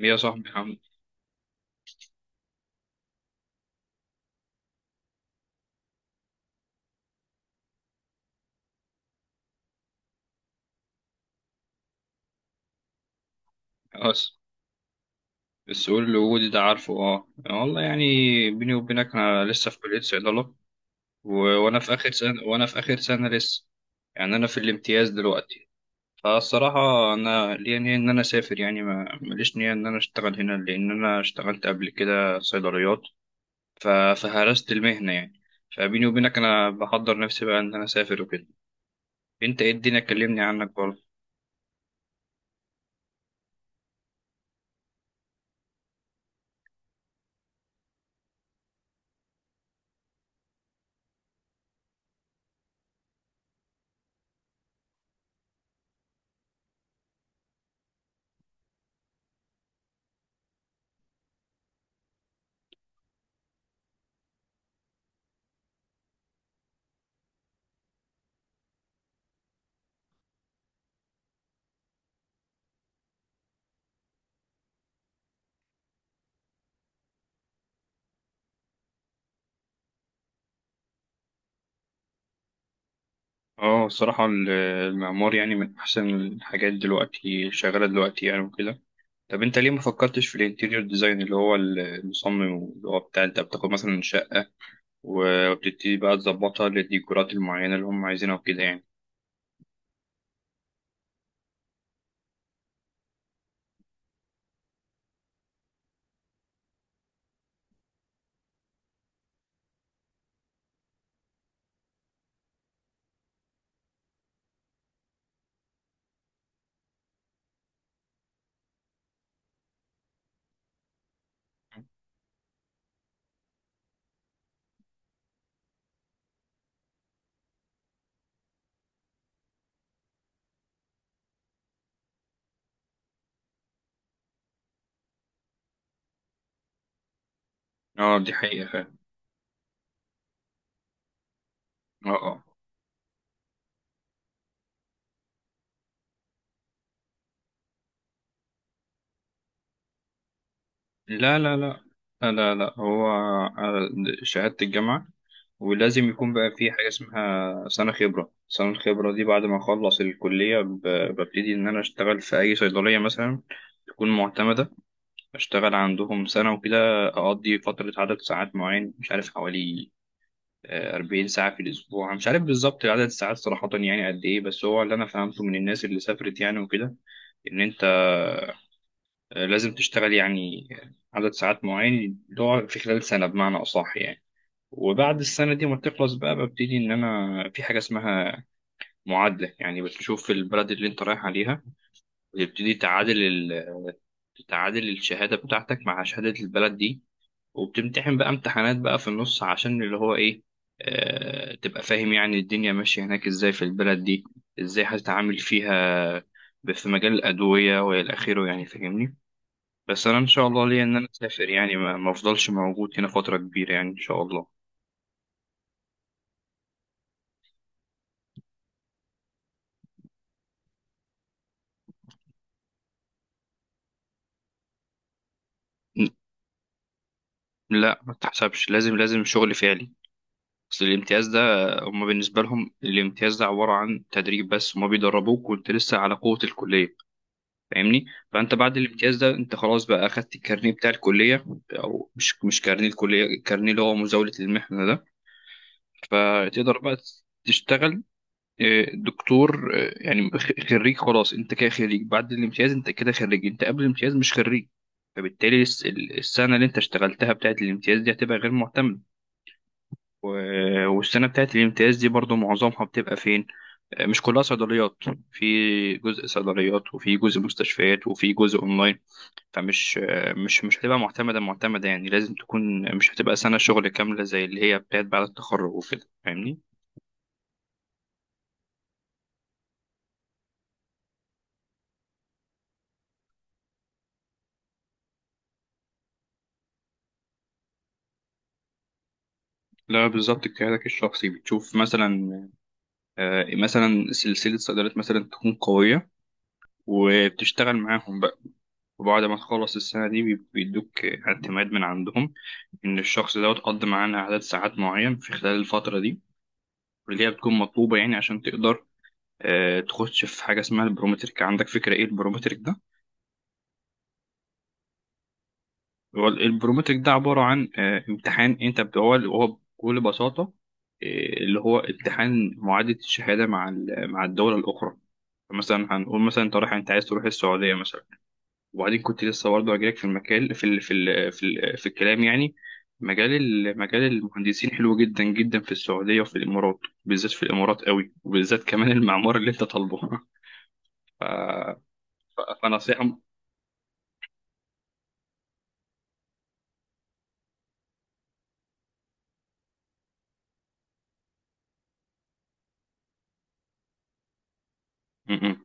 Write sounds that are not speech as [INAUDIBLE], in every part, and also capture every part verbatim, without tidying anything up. يا صاحبي حمد. خلاص، السؤال الوجودي ده عارفه اه آه، والله يعني بيني وبينك انا لسه في كلية صيدلة و... وانا في اخر سنة وانا في اخر سنة لسه. يعني انا في الامتياز دلوقتي. فالصراحة انا ليا نية ان انا اسافر، يعني ما ماليش نية ان انا اشتغل هنا لان انا اشتغلت قبل كده صيدليات، ف... فهرست المهنة يعني. فبيني وبينك انا بحضر نفسي بقى ان انا اسافر وكده. انت ايه الدنيا؟ كلمني عنك برضه. اه الصراحة ال- المعمار يعني من أحسن الحاجات دلوقتي شغالة دلوقتي يعني وكده طب أنت ليه ما فكرتش في الانتيريور ديزاين اللي هو المصمم اللي هو بتاع أنت بتاخد مثلا شقة وبتبتدي بقى تظبطها للديكورات المعينة اللي هم عايزينها وكده يعني اه، دي حقيقة فعلا. اه اه. لا لا لا، لا لا لا، هو آه، شهادة الجامعة، ولازم يكون بقى في حاجة اسمها سنة خبرة. سنة الخبرة دي بعد ما أخلص الكلية ب- ببتدي إن أنا أشتغل في أي صيدلية مثلا تكون معتمدة. بشتغل عندهم سنة وكده، أقضي فترة عدد ساعات معين، مش عارف حوالي آه، أربعين ساعة في الأسبوع، مش عارف بالظبط عدد الساعات صراحة يعني قد إيه، بس هو اللي أنا فهمته من الناس اللي سافرت يعني وكده، إن أنت آه، لازم تشتغل يعني عدد ساعات معين اللي هو في خلال سنة بمعنى أصح يعني. وبعد السنة دي ما تخلص بقى، ببتدي إن أنا في حاجة اسمها معادلة، يعني بتشوف البلد اللي أنت رايح عليها وتبتدي تعادل ال... تعادل الشهادة بتاعتك مع شهادة البلد دي. وبتمتحن بقى امتحانات بقى في النص عشان اللي هو ايه، آه تبقى فاهم يعني الدنيا ماشية هناك ازاي في البلد دي، ازاي هتتعامل فيها ب- في مجال الأدوية وإلى آخره، يعني فاهمني؟ بس أنا إن شاء الله ليا إن أنا أسافر، يعني ما ما أفضلش موجود هنا فترة كبيرة يعني، إن شاء الله. ن- لا ما تحسبش، لازم لازم شغل فعلي. أصل الامتياز ده، هما بالنسبة لهم الامتياز ده عبارة عن تدريب بس، هما بيدربوك وأنت لسه على قوة الكلية فاهمني. فانت بعد الامتياز ده انت خلاص بقى اخدت الكارنيه بتاع الكليه، او مش مش كارنيه الكليه، الكارنيه اللي هو مزاوله المحنه ده. فتقدر بقى تشتغل آه، دكتور، آه، يعني خ- خريج. خلاص، انت كده خريج. بعد الامتياز انت كده خريج، انت قبل الامتياز مش خريج. فبالتالي الس- ال- السنه اللي انت اشتغلتها بتاعت الامتياز دي هتبقى غير معتمده. و- والسنه بتاعت الامتياز دي برضو معظمها بتبقى فين؟ آه، مش كلها صيدليات. في جزء صيدليات وفي جزء مستشفيات وفي جزء اونلاين. فمش مش مش هتبقى معتمدة معتمدة يعني، لازم تكون. مش هتبقى سنة شغل كاملة زي اللي هي بتاعت بعد التخرج وكده، فاهمني؟ لا بالظبط، اجتهادك الشخصي. بتشوف مثلا آه، مثلا سلسلة صيدلات مثلا تكون قوية وبتشتغل معاهم بقى. وبعد ما تخلص السنة دي بي- بيدوك اعتماد من عندهم إن الشخص ده قضى معانا عدد ساعات معين في خلال الفترة دي اللي هي بتكون مطلوبة يعني عشان تقدر آه، تخش في حاجة اسمها البرومترك. عندك فكرة إيه البرومترك ده؟ هو ال- البرومتريك ده عبارة عن آه، امتحان، انت بت- هو هو بكل بساطة آه، اللي هو امتحان معادلة الشهادة مع ال- مع الدولة الأخرى. مثلا هنقول مثلا انت رايح، انت عايز تروح السعودية مثلا. وبعدين كنت لسه برضه هجيلك في المكان في ال في ال في, ال في الكلام يعني، مجال ال- مجال المهندسين حلو جدا جدا في السعودية وفي الإمارات، بالذات في الإمارات قوي، وبالذات كمان المعمار اللي انت طالبه [LAUGHS] ف- فنصيحة م- م-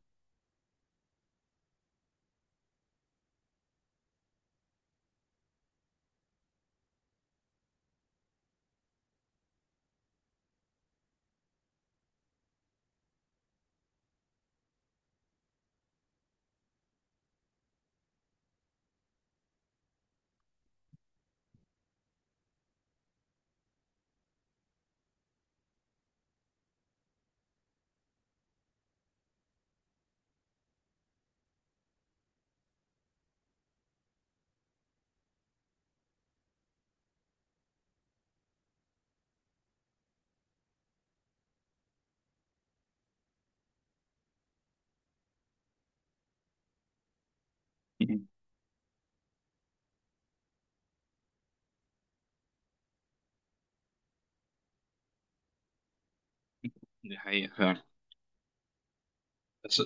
م- دي حقيقة فعلا.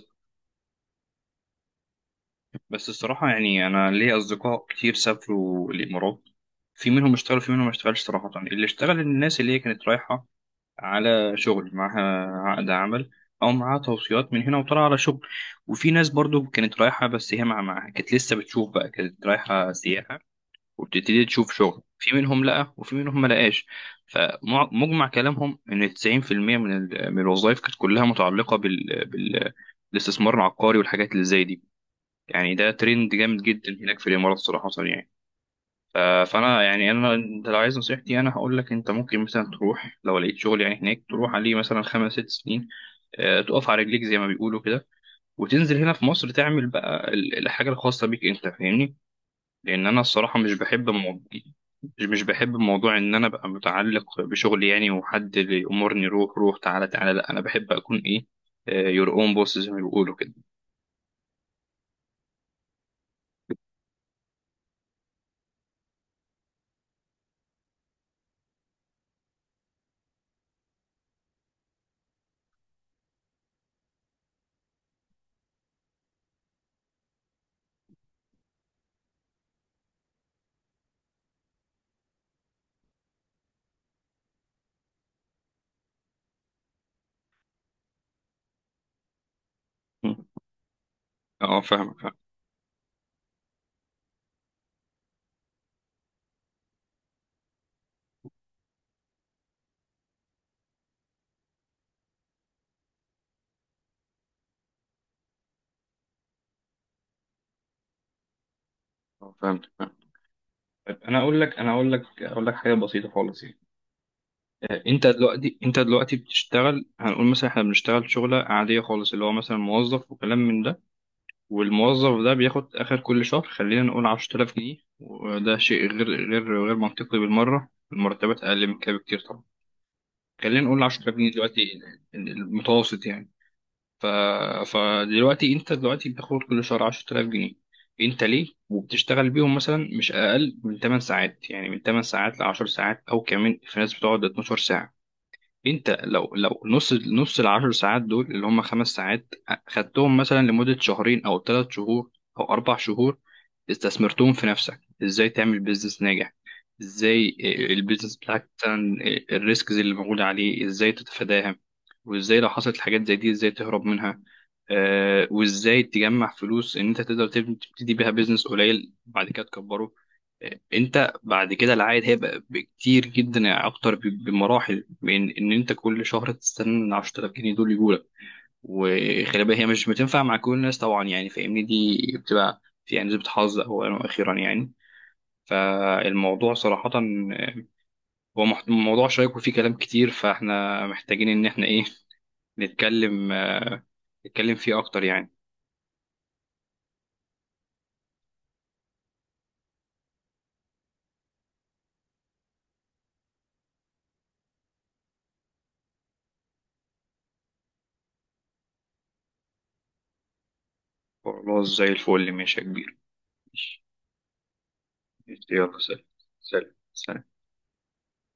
بس الصراحة يعني أنا ليا أصدقاء كتير سافروا الإمارات. في منهم اشتغل، في منهم ما اشتغلش صراحة. اللي اشتغل الناس اللي هي كانت رايحة على شغل، معاها عقد عمل، أو معاها توصيات من هنا وطالعة على شغل. وفي ناس برضو كانت رايحة بس هي مع معاها كانت لسه بتشوف بقى، كانت رايحة سياحة وبتبتدي تشوف شغل، في منهم لقى وفي منهم ما لقاش. فمجمع كلامهم إن تسعين في المية من ال- من الوظائف كانت كلها متعلقة بال... بال... بالاستثمار العقاري والحاجات اللي زي دي، يعني ده ترند جامد جدا هناك في الامارات صراحه يعني. ف- فانا يعني انا، انت لو عايز نصيحتي انا هقول لك انت ممكن مثلا تروح لو لقيت شغل يعني هناك، تروح عليه مثلا خمس ست سنين، آه، تقف على رجليك زي ما بيقولوا كده، وتنزل هنا في مصر تعمل بقى ال- الحاجه الخاصه بيك انت فاهمني. لان انا الصراحه مش بحب مو... مش مش بحب موضوع ان انا ابقى متعلق بشغلي، يعني وحد اللي يامرني روح روح تعالى تعالى. لا، انا بحب اكون ايه، يور اون بوس زي ما بيقولوا كده. م. اه فاهمك فاهمك. آه، فاهمك. طيب انا اقول لك، انا اقول لك اقول لك حاجه بسيطه خالص يعني. آه، انت دلوقتي انت دلوقتي بتشتغل. هنقول مثلا احنا بنشتغل شغله عاديه خالص، اللي هو مثلا موظف وكلام من ده. والموظف ده بياخد اخر كل شهر خلينا نقول عشر تلاف جنيه، وده شيء غير غير غير منطقي بالمره، المرتبات اقل من كده بكتير طبعا. خلينا نقول عشر تلاف جنيه دلوقتي، المتوسط يعني. ف... فدلوقتي انت دلوقتي بتاخد كل شهر عشر تلاف جنيه. انت ليه وبتشتغل بيهم مثلا مش اقل من تمن ساعات، يعني من تمن ساعات ل عشر ساعات، او كمان في ناس بتقعد اثنا عشر ساعة. انت لو لو نص نص العشر ساعات دول اللي هم خمس ساعات، خدتهم مثلا لمدة شهرين او ثلاث شهور او اربع شهور، استثمرتهم في نفسك ازاي تعمل بيزنس ناجح، ازاي البيزنس بتاعك مثلا، الريسكز اللي موجودة عليه ازاي تتفاداها، وازاي لو حصلت حاجات زي دي ازاي تهرب منها، آه، وازاي تجمع فلوس ان انت تقدر تب- تبتدي بيها بيزنس قليل بعد كده تكبره. انت بعد كده العائد هيبقى بكتير جدا يعني اكتر ب- بمراحل من ان انت كل شهر تستنى ال عشر تلاف جنيه دول يجولك. وخلي بالك هي مش بتنفع مع كل الناس طبعا يعني فاهمني، دي بتبقى في يعني نسبة حظ اولا واخيرا يعني. فالموضوع صراحة هو مح- موضوع شيق وفيه كلام كتير، فاحنا محتاجين ان احنا ايه، نتكلم نتكلم فيه اكتر يعني. خلاص زي الفل، ماشي يا كبير. ماشي. يلا سلام. سلام سلام.